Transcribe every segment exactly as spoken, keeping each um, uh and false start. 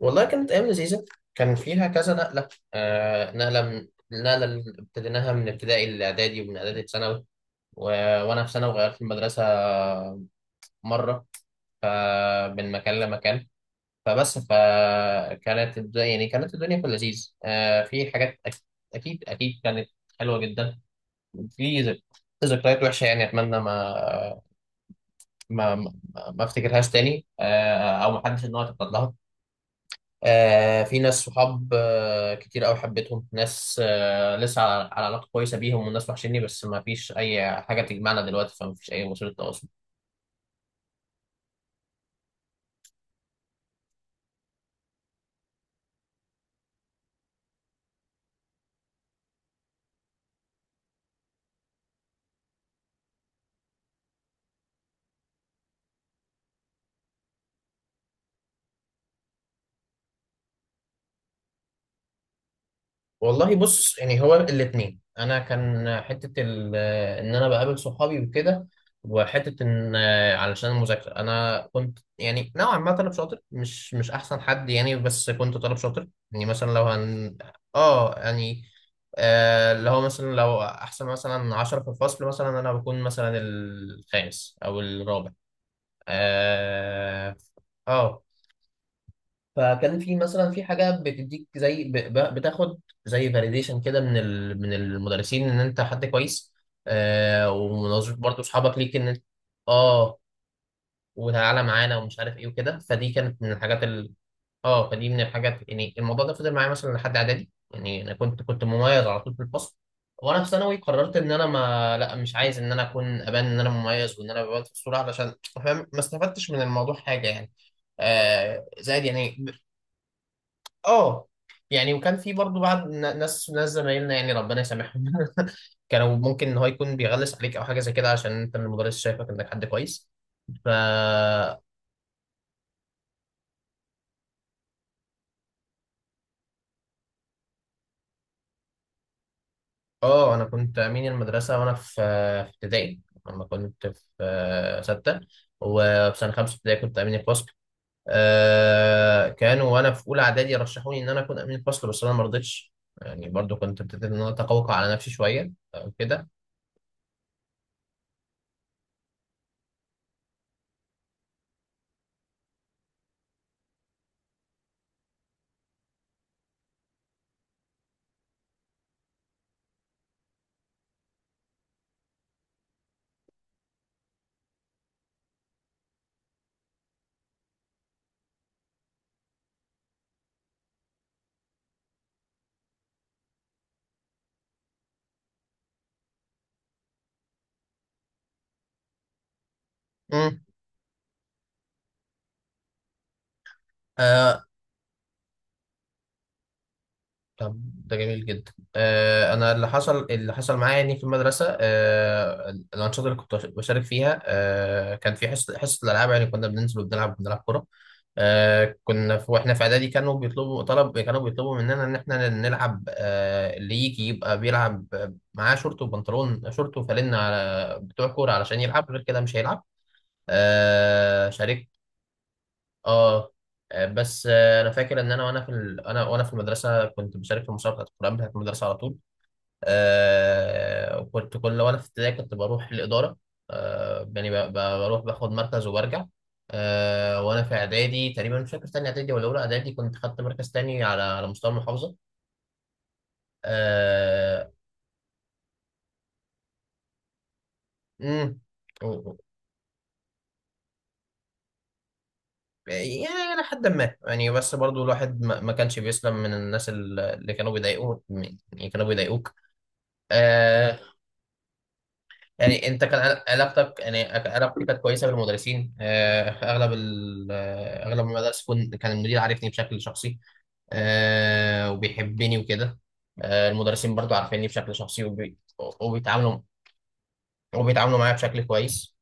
والله كانت أيام لذيذة. كان فيها كذا نقلة، آه نقلة من النقلة اللي ابتديناها من ابتدائي لإعدادي، ومن إعدادي لثانوي. و... وأنا في ثانوي غيرت المدرسة مرة، ف... من مكان لمكان. فبس فكانت الدنيا، يعني كانت الدنيا في اللذيذ، آه في حاجات أك... أكيد أكيد كانت حلوة جدا. في ذك- ذكريات وحشة يعني، أتمنى ما ما ما, ما أفتكرهاش تاني. آه أو ما حدش إن هو يتعرض لها. آه في ناس صحاب، آه كتير قوي حبيتهم. ناس آه لسه على على علاقة كويسة بيهم، وناس وحشني بس ما فيش أي حاجة تجمعنا دلوقتي، فما فيش أي وسيلة تواصل. والله بص، يعني هو الاثنين. انا كان حته ال- ان انا بقابل صحابي وكده، وحته ان علشان المذاكره. انا كنت يعني نوعا ما طالب شاطر، مش مش احسن حد يعني، بس كنت طالب شاطر. يعني مثلا لو هن اه يعني آه اللي هو مثلا لو احسن مثلا عشرة في الفصل مثلا، انا بكون مثلا الخامس او الرابع. اه, آه فكان في مثلا في حاجه بتديك زي ب- ب- بتاخد زي فاليديشن كده من ال- من المدرسين ان انت حد كويس. آه ومناظرة برضه اصحابك ليك ان انت اه وتعالى معانا ومش عارف ايه وكده، فدي كانت من الحاجات ال... اه فدي من الحاجات، يعني الموضوع ده فضل معايا مثلا لحد اعدادي. يعني انا كنت كنت مميز على طول في الفصل. وانا في ثانوي قررت ان انا ما لا مش عايز ان انا اكون ابان ان انا مميز وان انا ببان في الصوره، علشان فاهم ما استفدتش من الموضوع حاجه يعني، آه زائد يعني. اه يعني وكان في برضو بعض ن- ناس ناس زمايلنا، يعني ربنا يسامحهم كانوا ممكن ان هو يكون بيغلس عليك او حاجه زي كده عشان انت من المدرس شايفك انك حد كويس. ف اه انا كنت امين المدرسه وانا في في ابتدائي، لما كنت في آه، سته، وفي سنه خمسه ابتدائي كنت امين الفصل. آه، كانوا وانا في اولى اعدادي رشحوني ان انا اكون امين الفصل بس انا ما رضيتش. يعني برضو كنت ابتديت ان انا اتقوقع على نفسي شويه، آه، كده. مم. طب ده جميل جدا. آه، انا اللي حصل اللي حصل معايا يعني في المدرسه، آه، الانشطه اللي كنت بشارك فيها، آه، كان في حصه حصه الالعاب. يعني كنا بننزل وبنلعب، بنلعب كوره. آه، كنا في واحنا في اعدادي كانوا بيطلبوا طلب، كانوا بيطلبوا مننا ان احنا نلعب، آه، اللي يجي يبقى بيلعب معاه شورت وبنطلون، شورت وفانلة على بتوع كوره، علشان يلعب غير كده مش هيلعب. آه، شاركت. اه آه، بس آه، انا فاكر ان انا وانا في ال... انا وانا في المدرسه كنت بشارك في المسابقه بتاعت القران بتاعت المدرسه على طول. آه وكنت كل وانا في ابتدائي كنت بروح الاداره، آه يعني ب... ب- بروح باخد مركز وبرجع. آه وانا في اعدادي تقريبا، مش فاكر تاني اعدادي ولا اولى اعدادي، كنت خدت مركز تاني على على مستوى المحافظه. آه امم و- و- يعني الى حد ما يعني، بس برضو الواحد ما ما كانش بيسلم من الناس اللي كانوا بيضايقوه، يعني كانوا بيضايقوك. آه، يعني انت كان عل- علاقتك، يعني كان علاقتي كانت كويسه بالمدرسين. آه، اغلب ال- آه، اغلب المدارس كنت كان المدير عارفني بشكل شخصي، آه، وبيحبني وكده. آه، المدرسين برضو عارفيني بشكل شخصي وبي- وبيتعاملوا وبيتعاملوا معايا بشكل كويس.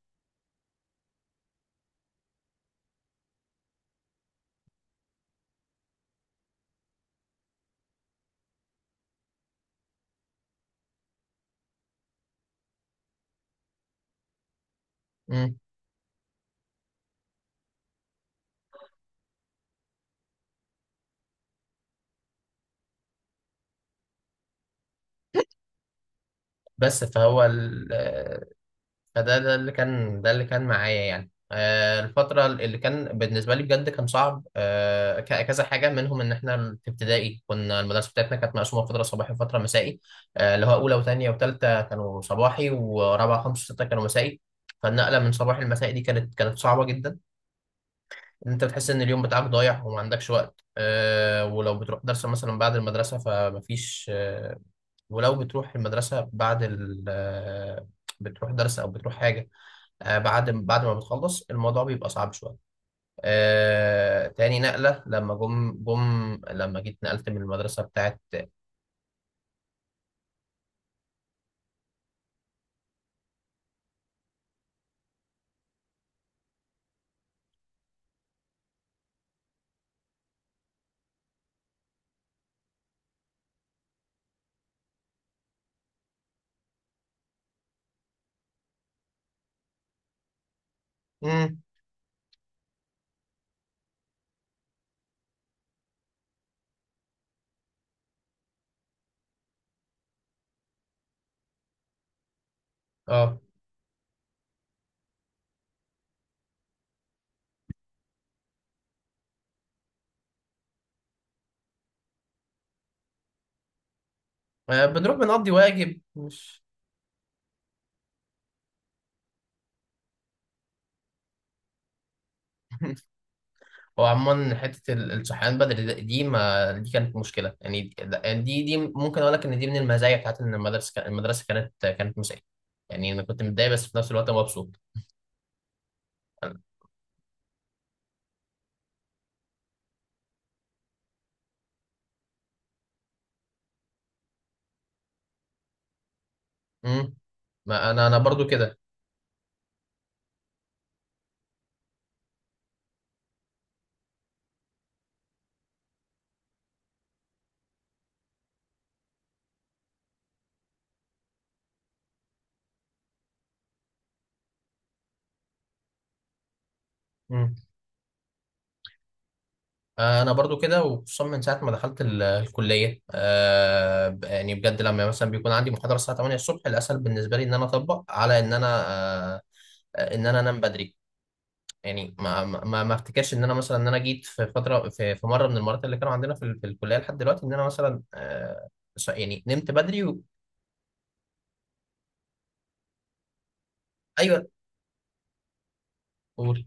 مم. بس فهو فده ده اللي كان، ده اللي كان معايا يعني. آه، الفترة اللي كان بالنسبة لي بجد كان صعب، آه، ك- كذا حاجة منهم. إن إحنا في ابتدائي كنا المدرسة بتاعتنا كانت مقسومة فترة صباحي وفترة مسائي، آه، اللي هو أولى وتانية وتالتة كانوا صباحي، ورابعة خمسة وستة كانوا مسائي. فالنقلة من صباحي لمسائي دي كانت كانت صعبة جدا. إن أنت بتحس إن اليوم بتاعك ضايع وما عندكش وقت، آه، ولو بتروح درس مثلا بعد المدرسة فمفيش، آه، ولو بتروح المدرسة بعد ال آه، بتروح درس أو بتروح حاجة، آه، بعد بعد ما بتخلص الموضوع بيبقى صعب شويه. آه تاني نقله، لما جم جم لما جيت نقلت من المدرسه بتاعت. امم اه آه، بنروح بنقضي واجب مش هو عموما حته ال- الصحيان بدري ده- دي، ما دي كانت مشكله يعني، دي يعني دي دي ممكن اقول لك ان دي من المزايا بتاعت ان المدرسه كان- المدرسه كانت كانت مسائيه. يعني انا كنت متضايق بس في نفس الوقت مبسوط. امم ما انا انا برضو كده. آه، انا برضو كده، وخصوصا من ساعه ما دخلت ال- الكليه. آه، ب- يعني بجد لما مثلا بيكون عندي محاضره الساعه ثمانية الصبح، الاسهل بالنسبه لي ان انا اطبق على ان انا آه، آه، ان انا انام بدري. يعني ما ما ما ما افتكرش ان انا مثلا ان انا جيت في فتره في في مره من المرات اللي كانوا عندنا في ال- في الكليه لحد دلوقتي ان انا مثلا، آه، ص- يعني نمت بدري و... ايوه قول.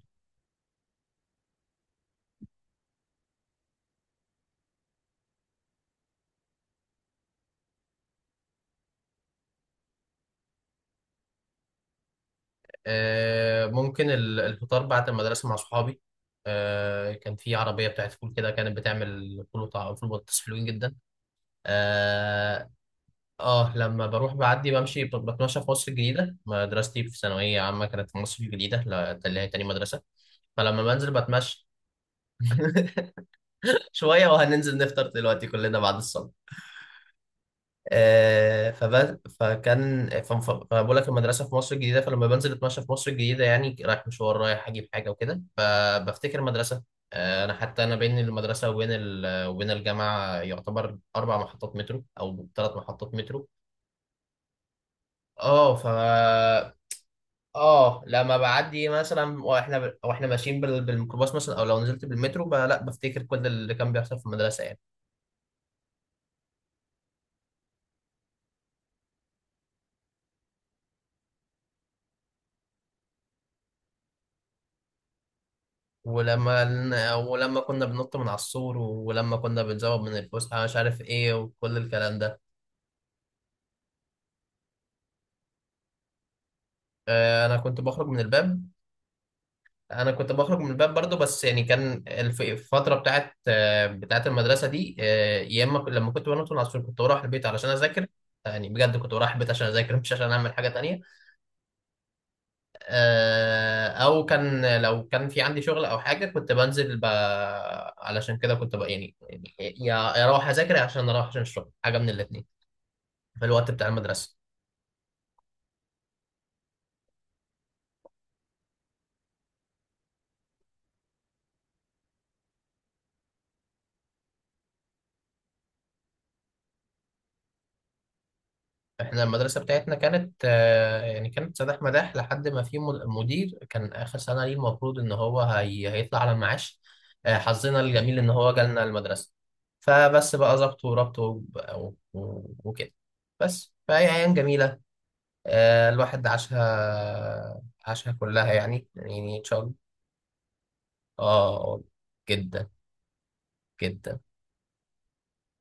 آه، ممكن ال- الفطار بعد المدرسه مع صحابي. آه، كان في عربيه بتاعت فول كده، كانت بتعمل فول وطع- فول بطاطس حلوين جدا. آه، اه لما بروح بعدي بمشي ب- بتمشى في مصر الجديدة. مدرستي في ثانوية عامة كانت في مصر الجديدة، لا- ده اللي هي تاني مدرسة. فلما بنزل بتمشى شوية وهننزل نفطر دلوقتي كلنا بعد الصلاة. آه فب... فكان ف- ف- فبقول لك المدرسة في مصر الجديدة، فلما بنزل اتمشى في مصر الجديدة يعني رايح مشوار، رايح أجيب حاجة وكده، فبفتكر مدرسة. آه، أنا حتى أنا بين المدرسة وبين ال... وبين الجامعة يعتبر أربع محطات مترو أو ثلاث محطات مترو. اه ف اه لما بعدي مثلا واحنا ب... واحنا ماشيين بال... بالميكروباص مثلا، او لو نزلت بالمترو بقى، لا بفتكر كل اللي كان بيحصل في المدرسه يعني. ولما ولما كنا بننط من على السور، ولما كنا بنزوغ من الفسحه، مش عارف ايه وكل الكلام ده. آه، انا كنت بخرج من الباب. انا كنت بخرج من الباب برضو، بس يعني كان الف- الفتره بتاعت، آه، بتاعت المدرسه دي، آه، يا اما ك- لما كنت بنط من على السور كنت بروح البيت علشان اذاكر. يعني بجد كنت بروح البيت عشان اذاكر مش عشان اعمل حاجه تانية. آه، او كان لو كان في عندي شغل او حاجه كنت بنزل ب... علشان كده كنت ب... يعني يعني يا يا اروح اذاكر، يا عشان اروح عشان الشغل، حاجه من الاثنين، في الوقت بتاع المدرسه. احنا المدرسه بتاعتنا كانت، آه، يعني كانت سداح مداح، لحد ما في مد- مدير كان اخر سنه ليه، المفروض ان هو هي... هيطلع على المعاش. آه، حظنا الجميل ان هو جالنا المدرسه. فبس بقى ظبط وربط وب- و... و... وكده. بس فهي ايام جميله. آه، الواحد عاشها عاشها كلها يعني، يعني ان شاء الله. اه، جدا جدا.